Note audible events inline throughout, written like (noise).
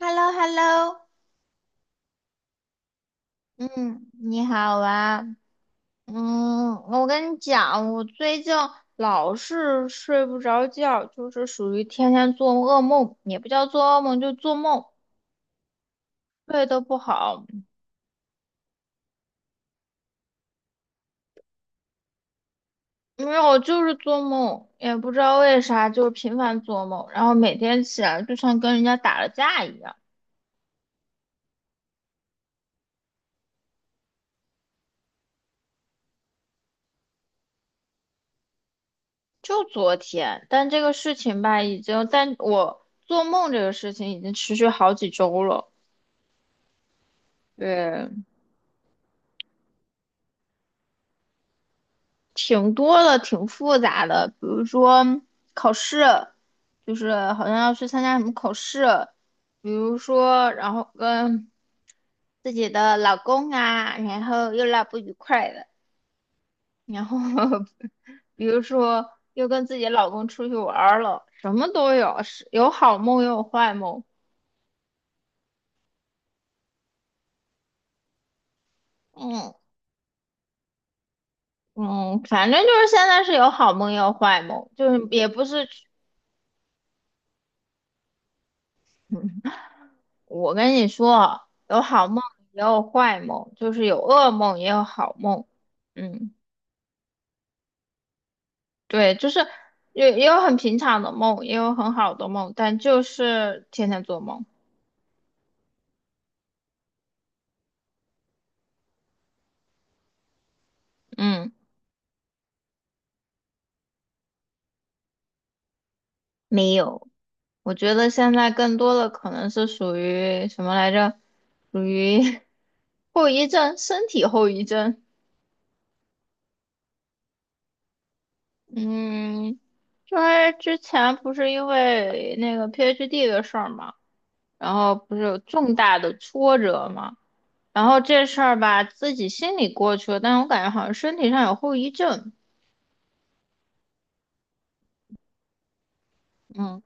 h e l l o h e l l o 嗯，你好啊。嗯，我跟你讲，我最近老是睡不着觉，就是属于天天做噩梦，也不叫做噩梦，就做梦，睡得不好。没有，就是做梦，也不知道为啥，就是频繁做梦，然后每天起来就像跟人家打了架一样。就昨天，但这个事情吧，已经，但我做梦这个事情已经持续好几周了。对，挺多的，挺复杂的，比如说考试，就是好像要去参加什么考试，比如说，然后跟自己的老公啊，然后又闹不愉快的，然后 (laughs) 比如说又跟自己老公出去玩儿了，什么都有，是有好梦也有坏梦，嗯嗯，反正就是现在是有好梦也有坏梦，就是也不是我跟你说，有好梦也有坏梦，就是有噩梦也有好梦。嗯，对，就是也有很平常的梦，也有很好的梦，但就是天天做梦。嗯，没有。我觉得现在更多的可能是属于什么来着？属于 (laughs) 后遗症，身体后遗症。嗯，就是之前不是因为那个 PhD 的事儿嘛，然后不是有重大的挫折嘛。然后这事儿吧，自己心里过去了，但是我感觉好像身体上有后遗症。嗯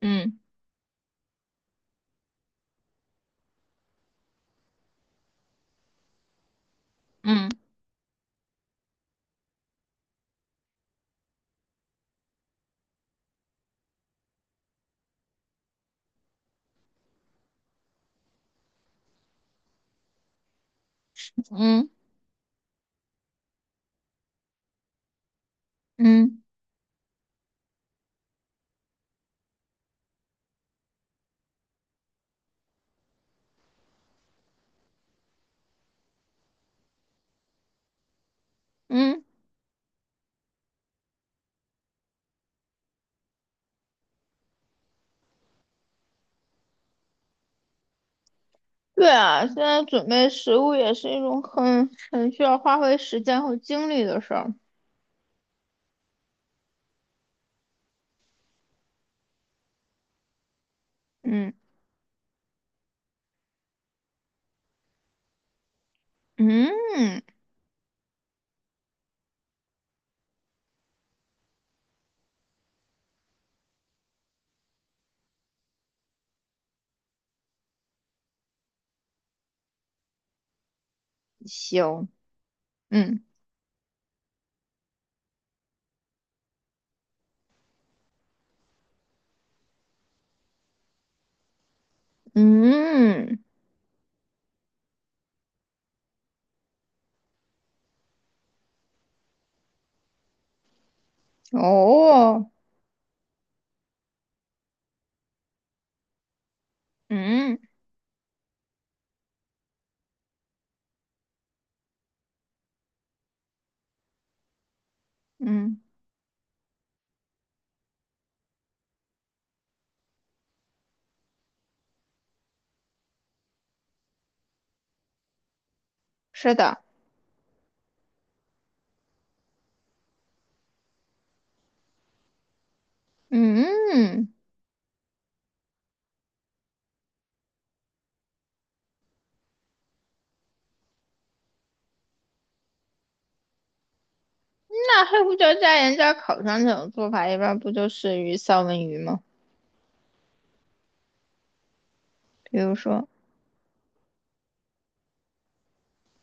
嗯嗯嗯嗯嗯，对啊，现在准备食物也是一种很需要花费时间和精力的事儿。嗯嗯，行，嗯嗯，哦，嗯嗯，是的。嗯，那黑胡椒加盐加烤肠这种做法，一般不就是三文鱼吗？比如说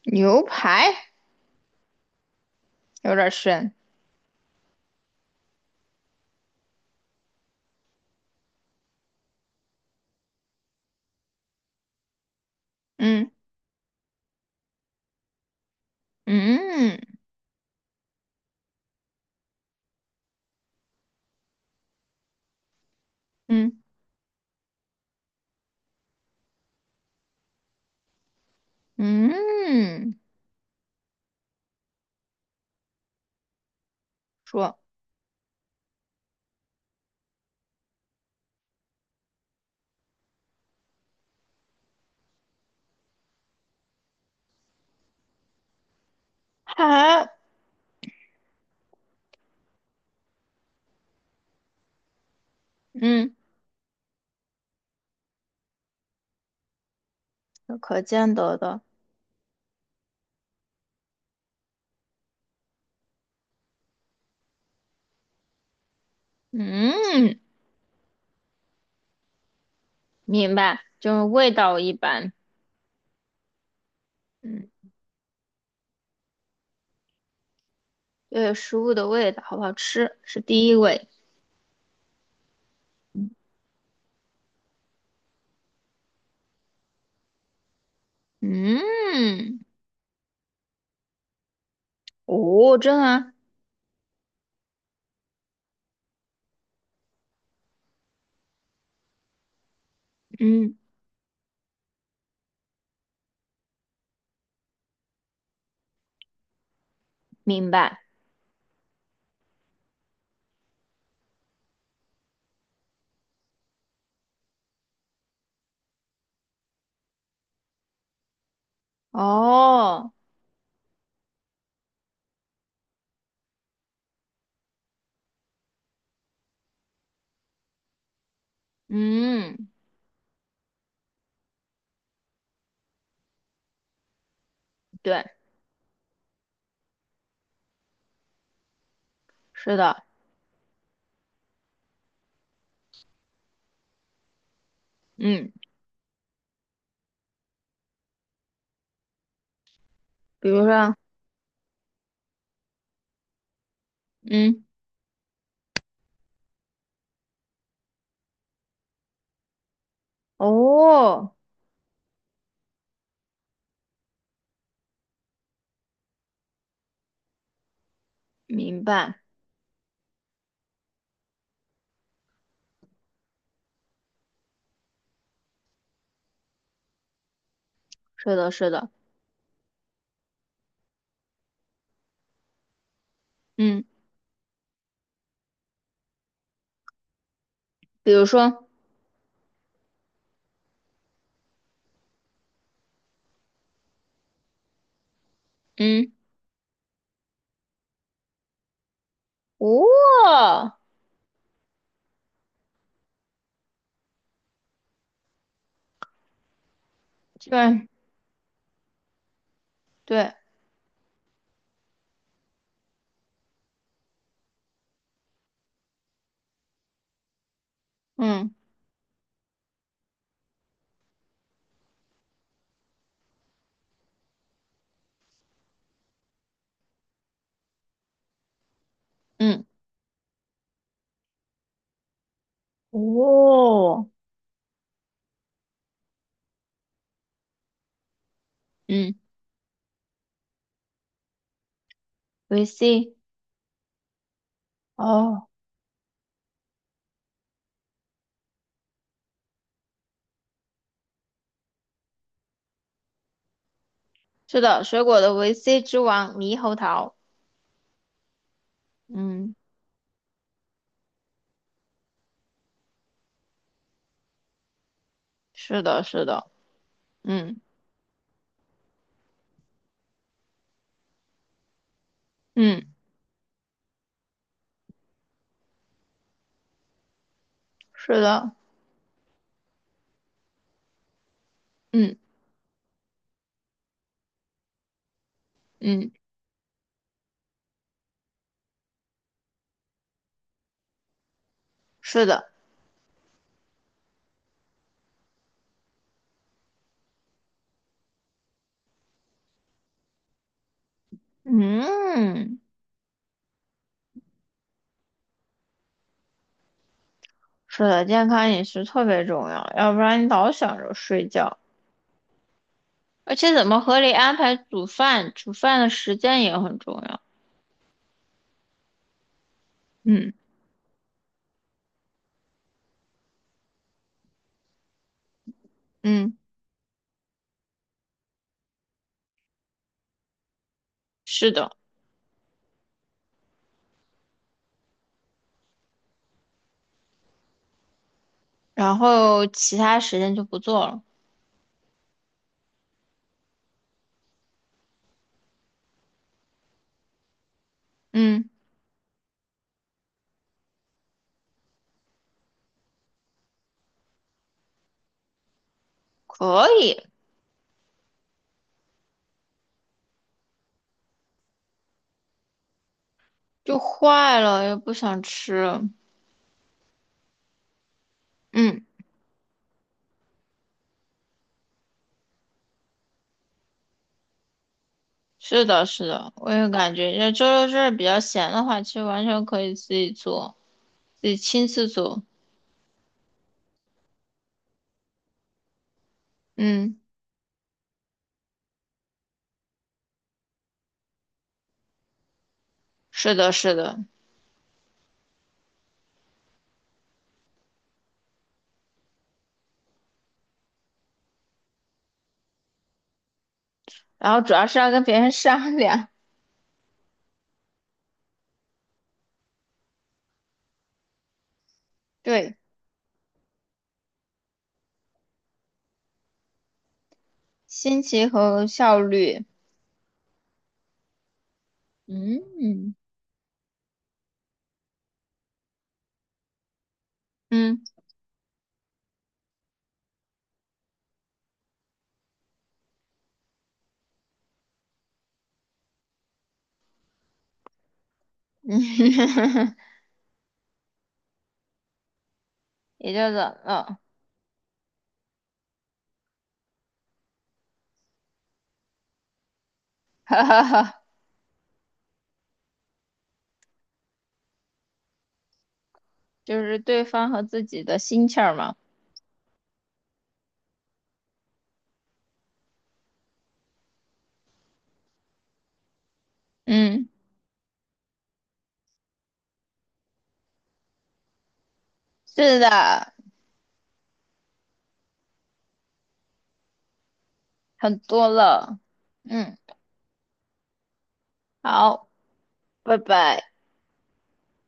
牛排。有点深。嗯嗯嗯嗯，说还嗯，有可见得的。嗯，明白，就是味道一般。嗯，对食物的味道好不好吃是第一位。嗯，哦，真的啊，嗯，明白。哦，嗯，对，是的。嗯，比如说，嗯，哦，明白。是的，是的。嗯，比如说，嗯。哦，基本对，嗯嗯哦，嗯，维 C，哦，是的，水果的维 C 之王猕猴桃，嗯，是的，是的，嗯嗯，是的，嗯嗯，是的，嗯，是的，健康饮食特别重要，要不然你老想着睡觉，而且怎么合理安排煮饭，煮饭的时间也很重要，嗯嗯，是的，然后其他时间就不做了。嗯，可以，就坏了又不想吃。嗯，是的，是的，我也感觉，这周六日比较闲的话，其实完全可以自己做，自己亲自做。嗯，是的，是的。然后主要是要跟别人商量，对，心情和效率。嗯，嗯，(laughs) 嗯嗯，(laughs) 也就怎了，(laughs) 哈哈哈，(laughs) 就是对方和自己的心气儿嘛。嗯，是的，很多了。嗯，好。拜拜。